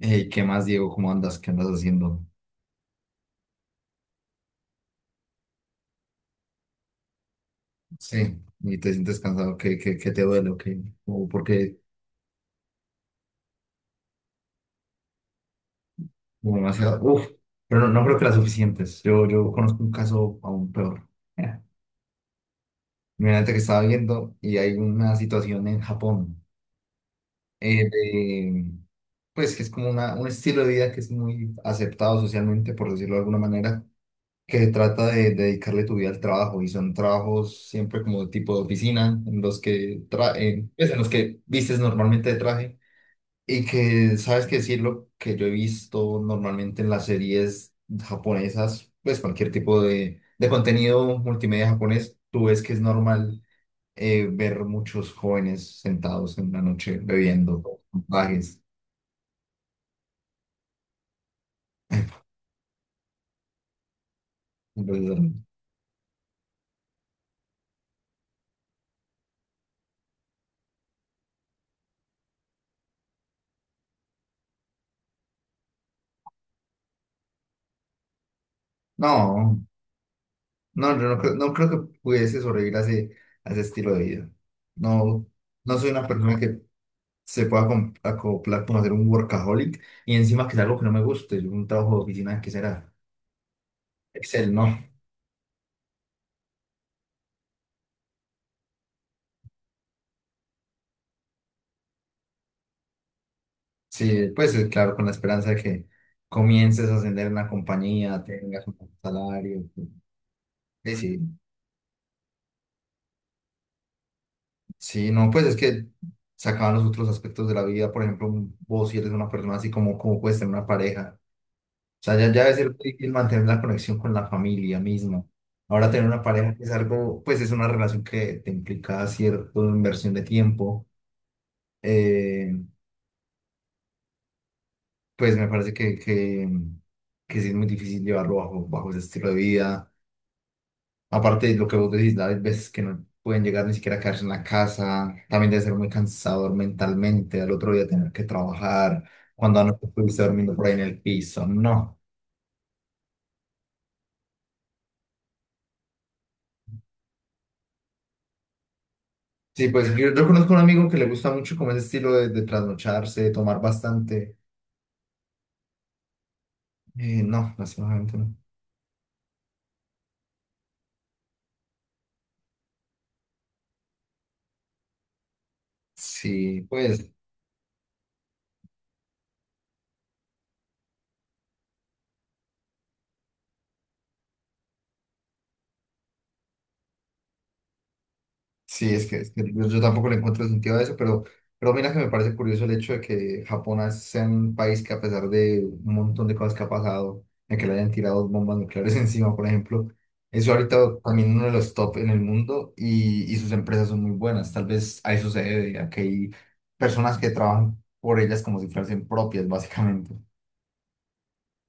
Hey, ¿qué más, Diego? ¿Cómo andas? ¿Qué andas haciendo? Sí, y te sientes cansado, ¿qué te duele? ¿O qué? ¿O porque hubo demasiado? Uf, pero no creo que las suficientes. Yo conozco un caso aún peor. Mira, imagínate que estaba viendo y hay una situación en Japón, eh, de- pues que es como un estilo de vida que es muy aceptado socialmente, por decirlo de alguna manera, que trata de dedicarle tu vida al trabajo y son trabajos siempre como de tipo de oficina, en los que, tra- en pues, en los que vistes normalmente de traje. Y que, ¿sabes qué decirlo? Que yo he visto normalmente en las series japonesas, pues cualquier tipo de contenido multimedia japonés, tú ves que es normal ver muchos jóvenes sentados en la noche bebiendo bajes. Entonces, no, no, yo no, creo, no creo que pudiese sobrevivir a a ese estilo de vida. No, no soy una persona que se pueda acoplar como hacer un workaholic y encima que es algo que no me guste, un trabajo de oficina que será Excel, no. Sí, pues claro, con la esperanza de que comiences a ascender en la compañía, tengas un buen salario. Eh, sí, sí, no, pues es que se acaban los otros aspectos de la vida. Por ejemplo, vos si eres una persona así como puedes tener una pareja. O sea, ya debe ser difícil mantener la conexión con la familia misma. Ahora tener una pareja es algo, pues es una relación que te implica cierta inversión de tiempo. Eh, pues me parece que sí es muy difícil llevarlo bajo ese estilo de vida. Aparte de lo que vos decís, hay veces que no pueden llegar ni siquiera a quedarse en la casa, también debe ser muy cansador mentalmente, al otro día tener que trabajar, cuando anoche estuviste durmiendo por ahí en el piso, no. Sí, pues yo conozco un amigo que le gusta mucho como ese estilo de trasnocharse, de tomar bastante. No, lastimosamente no. Sí, pues. Sí, es que yo tampoco le encuentro sentido a eso, pero mira que me parece curioso el hecho de que Japón sea un país que a pesar de un montón de cosas que ha pasado, de que le hayan tirado bombas nucleares encima, por ejemplo, eso ahorita también uno de los top en el mundo y sus empresas son muy buenas. Tal vez a eso se debe, a que hay personas que trabajan por ellas como si fuesen propias, básicamente.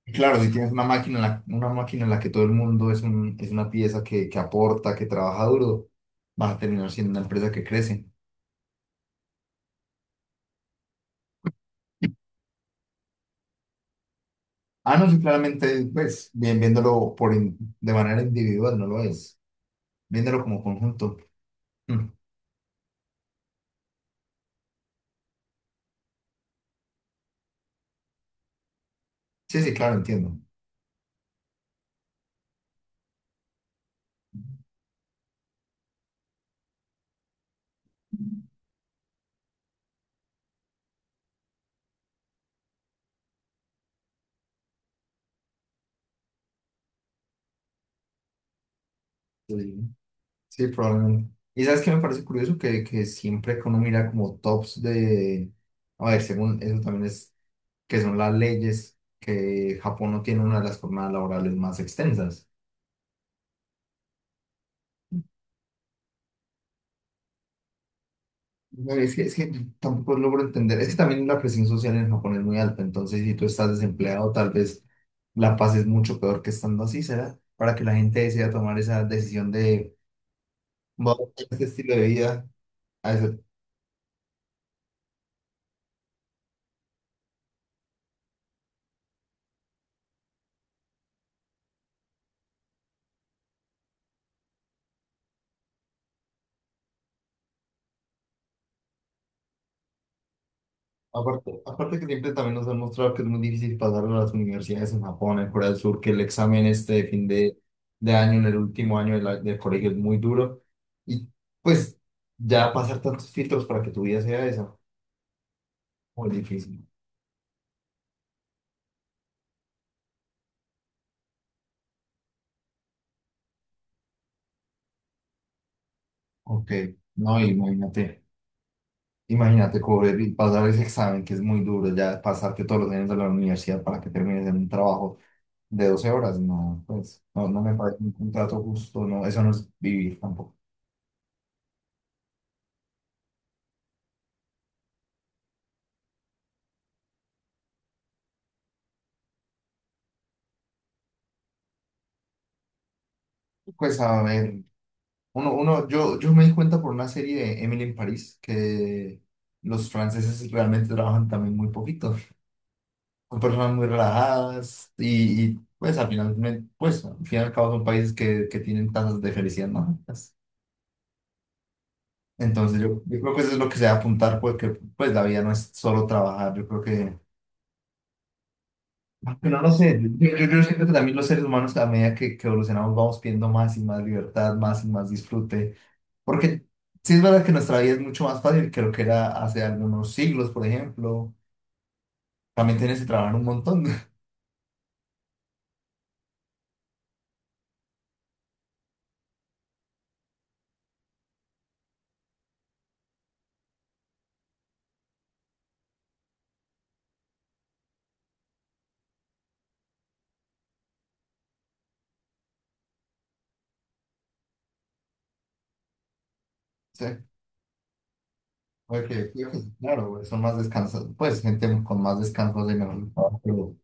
Y claro, si tienes una máquina una máquina en la que todo el mundo es una pieza que aporta, que trabaja duro, vas a terminar siendo una empresa que crece. Ah, no, sí, claramente, pues, bien, de manera individual, no lo es. Viéndolo como conjunto. Mm. Sí, sí, claro, entiendo. Sí, sí, probablemente. Y sabes que me parece curioso que siempre que uno mira como tops de. A ver, según eso también es que son las leyes, que Japón no tiene una de las jornadas laborales más extensas. No, es que tampoco logro entender. Es que también la presión social en Japón es muy alta. Entonces, si tú estás desempleado, tal vez la pases mucho peor que estando así, ¿será? Para que la gente decida tomar esa decisión de voy a adoptar este estilo de vida. A eso- Aparte, aparte que siempre también nos han mostrado que es muy difícil pasar a las universidades en Japón, en Corea del Sur, que el examen este de de año, en el último año de del colegio es muy duro. Y pues ya pasar tantos filtros para que tu vida sea esa, muy difícil. Ok, no, imagínate, imagínate cobrar y pasar ese examen que es muy duro, ya pasarte todos los años de la universidad para que termines en un trabajo de 12 horas, no, pues, no, no me parece un contrato justo, no, eso no es vivir tampoco. Pues a ver, yo me di cuenta por una serie de Emily en París que los franceses realmente trabajan también muy poquito, son personas muy relajadas y pues al final, pues al fin y al cabo son países que tienen tasas de felicidad más altas. Entonces yo creo que eso es lo que se debe apuntar, porque pues la vida no es solo trabajar, yo creo que, aunque no lo sé, yo siento que también los seres humanos a medida que evolucionamos vamos pidiendo más y más libertad, más y más disfrute, porque sí es verdad que nuestra vida es mucho más fácil que lo que era hace algunos siglos, por ejemplo, también tienes que trabajar un montón. Sí, porque creo que, sí, claro, güey, son más descansados, pues gente con más descansos y mejor trabajo, pero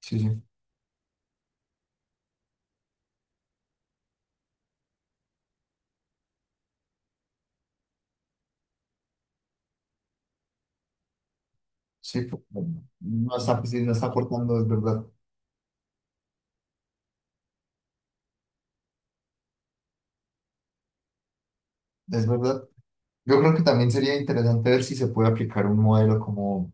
sí, sí, sí, pues, bueno, no está, sí, no está aportando, es verdad, es verdad. Yo creo que también sería interesante ver si se puede aplicar un modelo como,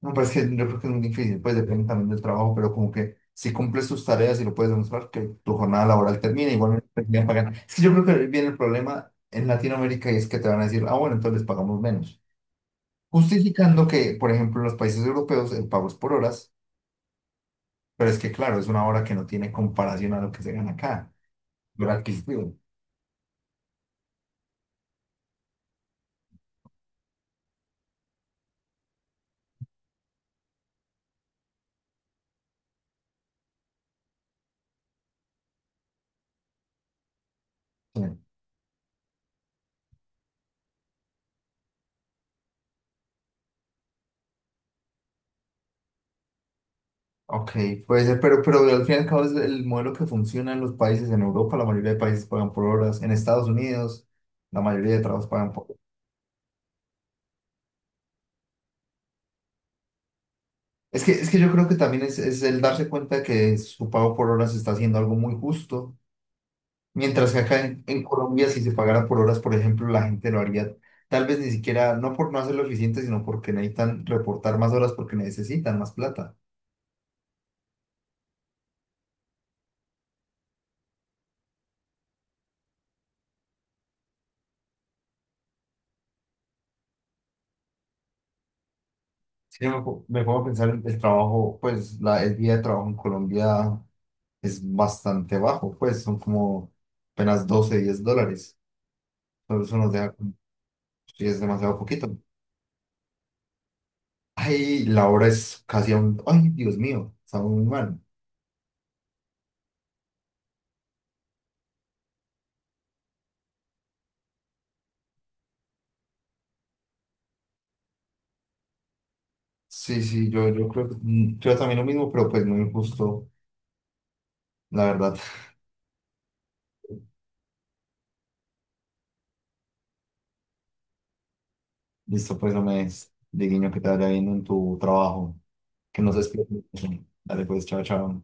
no, pero es que yo creo que es muy difícil, pues depende también del trabajo, pero como que si cumples tus tareas y lo puedes demostrar, que tu jornada laboral termina, igualmente te siguen pagando. Es que yo creo que viene el problema en Latinoamérica y es que te van a decir, ah, bueno, entonces les pagamos menos. Justificando que, por ejemplo, en los países europeos el pago es por horas, pero es que claro, es una hora que no tiene comparación a lo que se gana acá, lo adquisitivo. Ok, puede ser, pero al fin y al cabo es el modelo que funciona en los países, en Europa la mayoría de países pagan por horas, en Estados Unidos la mayoría de trabajos pagan por horas. Es que yo creo que también es el darse cuenta que su pago por horas está haciendo algo muy justo, mientras que acá en Colombia si se pagara por horas, por ejemplo, la gente lo haría tal vez ni siquiera, no por no hacerlo eficiente, sino porque necesitan reportar más horas porque necesitan más plata. Si yo me pongo a pensar en el trabajo, pues el día de trabajo en Colombia es bastante bajo, pues son como apenas 12, 10 dólares. Pero eso nos deja, como- sí, es demasiado poquito. Ay, la hora es casi a un... Ay, Dios mío, está muy mal. Sí, sí, yo creo que creo también lo mismo, pero pues muy injusto, la verdad. Listo, pues no me des de guiño que te vaya bien en tu trabajo, que no se despierten. Dale, pues, chao, chao.